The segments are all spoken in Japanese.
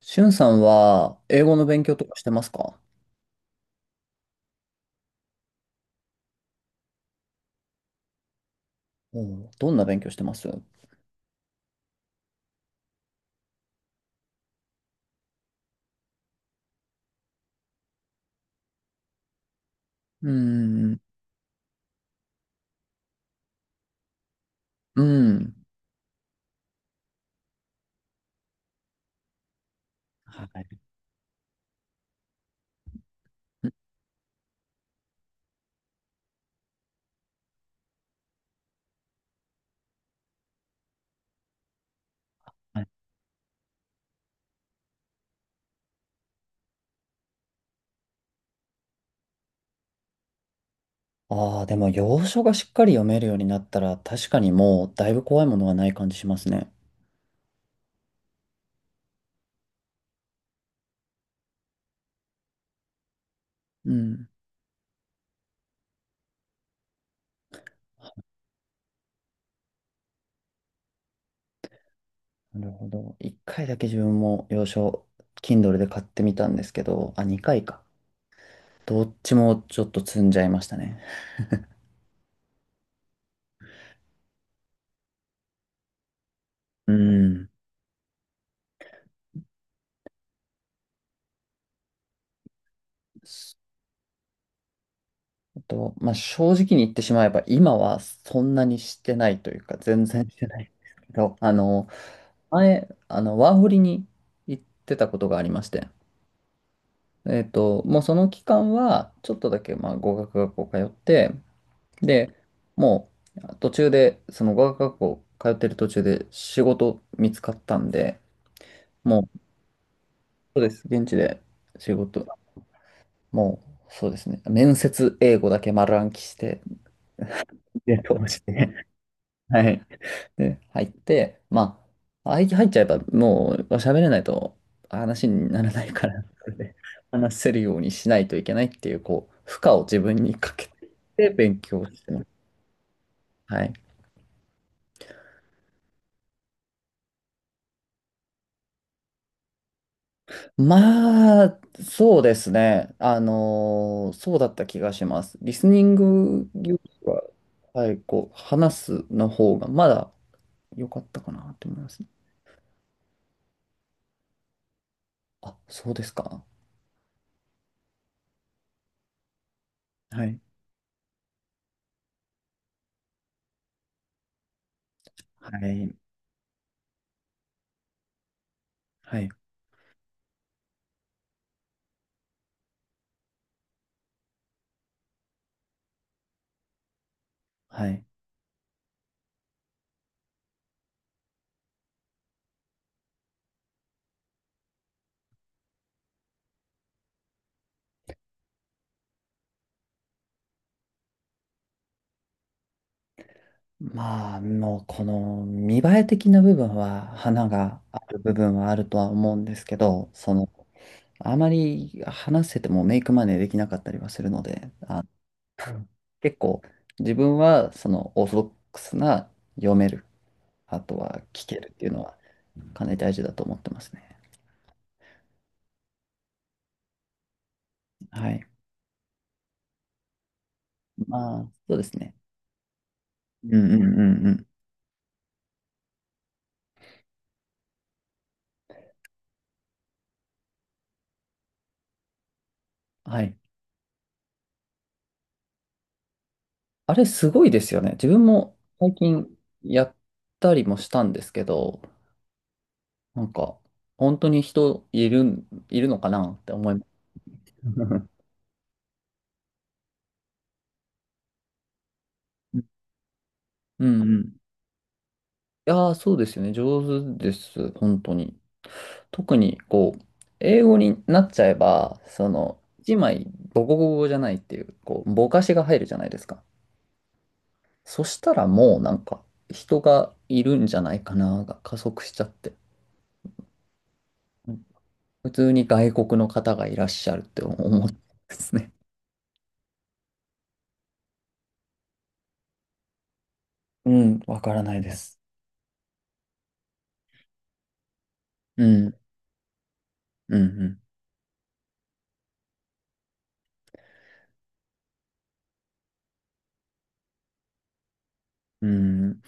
しゅんさんは英語の勉強とかしてますか？おうどんな勉強してますうーん、うん。はい。ああー、でも洋書がしっかり読めるようになったら確かにもうだいぶ怖いものはない感じしますね。うん。なるほど。一回だけ自分も洋書、Kindle で買ってみたんですけど、あ、二回か。どっちもちょっと積んじゃいましたね。うん。と、まあ、正直に言ってしまえば、今はそんなにしてないというか、全然してないんですけど、前、ワーホリに行ってたことがありまして、もうその期間は、ちょっとだけ、まあ、語学学校通って、で、もう、途中で、その語学学校通ってる途中で仕事見つかったんで、もう、そうです、現地で仕事、もう、そうですね、面接英語だけ丸暗記して、で、通して、はい。で、入って、まあ、入っちゃえばもう喋れないと話にならないから、それで話せるようにしないといけないっていう、こう、負荷を自分にかけて勉強してます。はい。まあ、そうですね。そうだった気がします。リスニングよりは、はい、こう、話すの方がまだ良かったかなと思います。あ、そうですか。はい。はい。はい。はい。まあ、もうこの見栄え的な部分は花がある部分はあるとは思うんですけど、その、あまり話せてもメイクマネーできなかったりはするので、あ、うん、結構自分はそのオーソドックスな読める、あとは聞けるっていうのはかなり大事だと思ってますね。はい。まあ、そうですね。うんうんうんうん。はい。あれすごいですよね。自分も最近やったりもしたんですけど、なんか、本当に人いるん、いるのかなって思います。うんうん。いやー、そうですよね。上手です。本当に。特に、こう、英語になっちゃえば、その、一枚、ボコボコじゃないっていう、こう、ぼかしが入るじゃないですか。そしたらもう、なんか、人がいるんじゃないかな、が加速しちゃって。うん、普通に外国の方がいらっしゃるって思うんですね。うん、わからないです。うん、うん、うん。うん、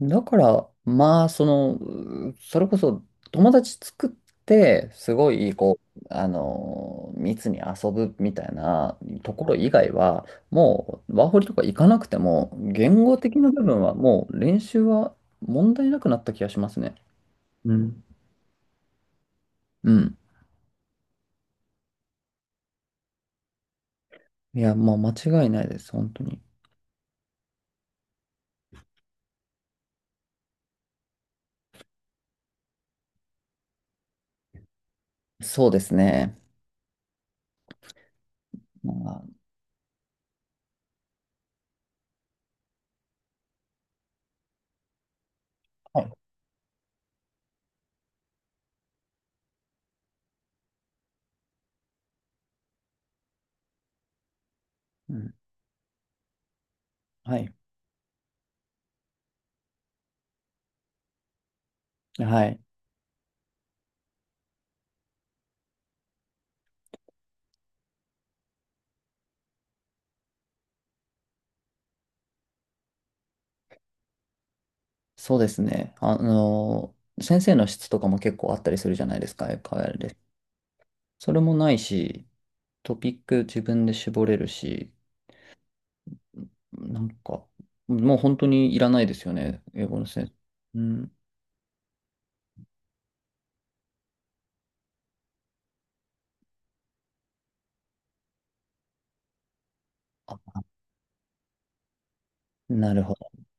だから、まあ、その、う、それこそ友達作って、すごい、こう、あの密に遊ぶみたいなところ以外は、もう、ワーホリとか行かなくても、言語的な部分はもう練習は問題なくなった気がしますね。うん。うん。いや、もう間違いないです、本当に。そうですね。まあ、はい。うん。はい。はい。そうですね。先生の質とかも結構あったりするじゃないですか、変わ、それもないし、トピック自分で絞れるし、なんか、もう本当にいらないですよね、英語の先生。うん。あ、なるほど。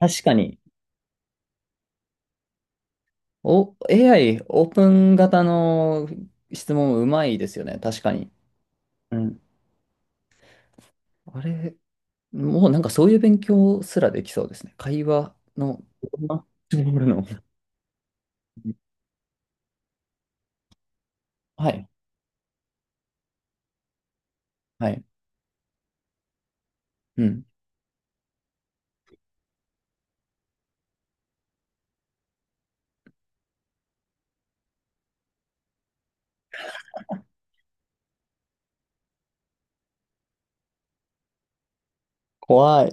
確かに、お、AI、オープン型の質問うまいですよね、確かに。うん。あれ、もうなんかそういう勉強すらできそうですね。会話の、あ、絞るの。はい、はい。うん。怖い。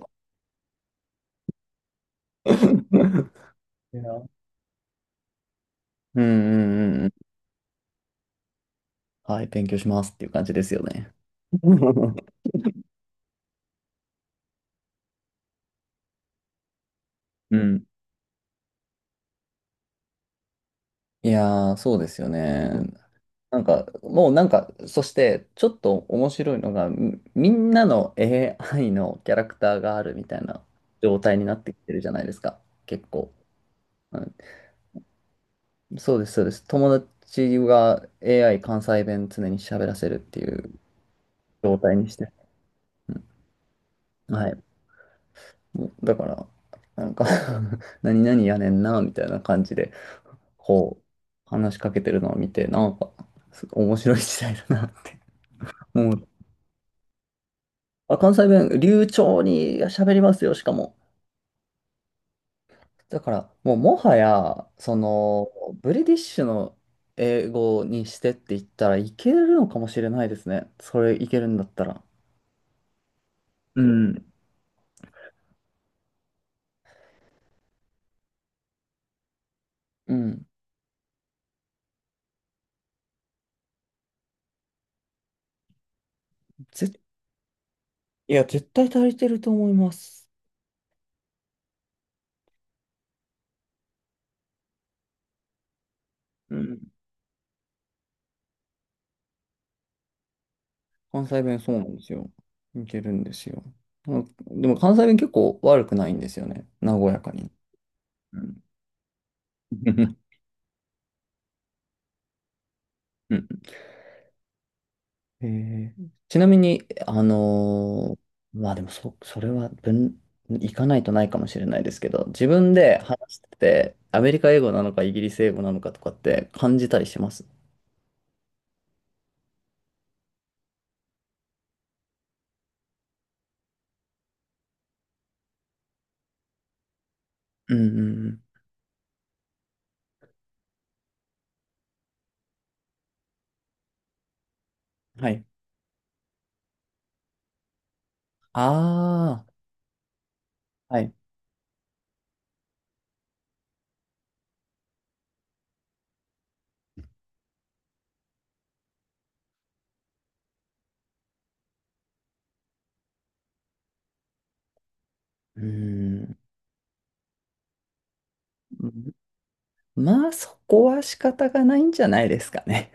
いや、うんうんうんうん。はい、勉強しますっていう感じですよね。うん。いやー、そうですよね。なんか、もうなんか、そして、ちょっと面白いのが、み、みんなの AI のキャラクターがあるみたいな状態になってきてるじゃないですか、結構。うん、そうです、そうです。友達が AI 関西弁常に喋らせるっていう状態にして。うん、はい。だから、なんか 何々やねんな、みたいな感じで、こう、話しかけてるのを見て、なんか、す、面白い時代だなって、うん。あ、関西弁、流暢に喋りますよ、しかも。だから、もうもはや、その、ブリティッシュの英語にしてって言ったらいけるのかもしれないですね。それいけるんだったら。うん。うん。ぜ、いや、絶対足りてると思います。うん。関西弁そうなんですよ。いけるんですよ。うん、でも関西弁結構悪くないんですよね。和やかに。うん。ちなみに、あのーまあでもそ、それは分、行かないとないかもしれないですけど、自分で話してて、アメリカ英語なのかイギリス英語なのかとかって感じたりします？うんうんうん。はい。ああ、はい。うーん。まあそこは仕方がないんじゃないですかね。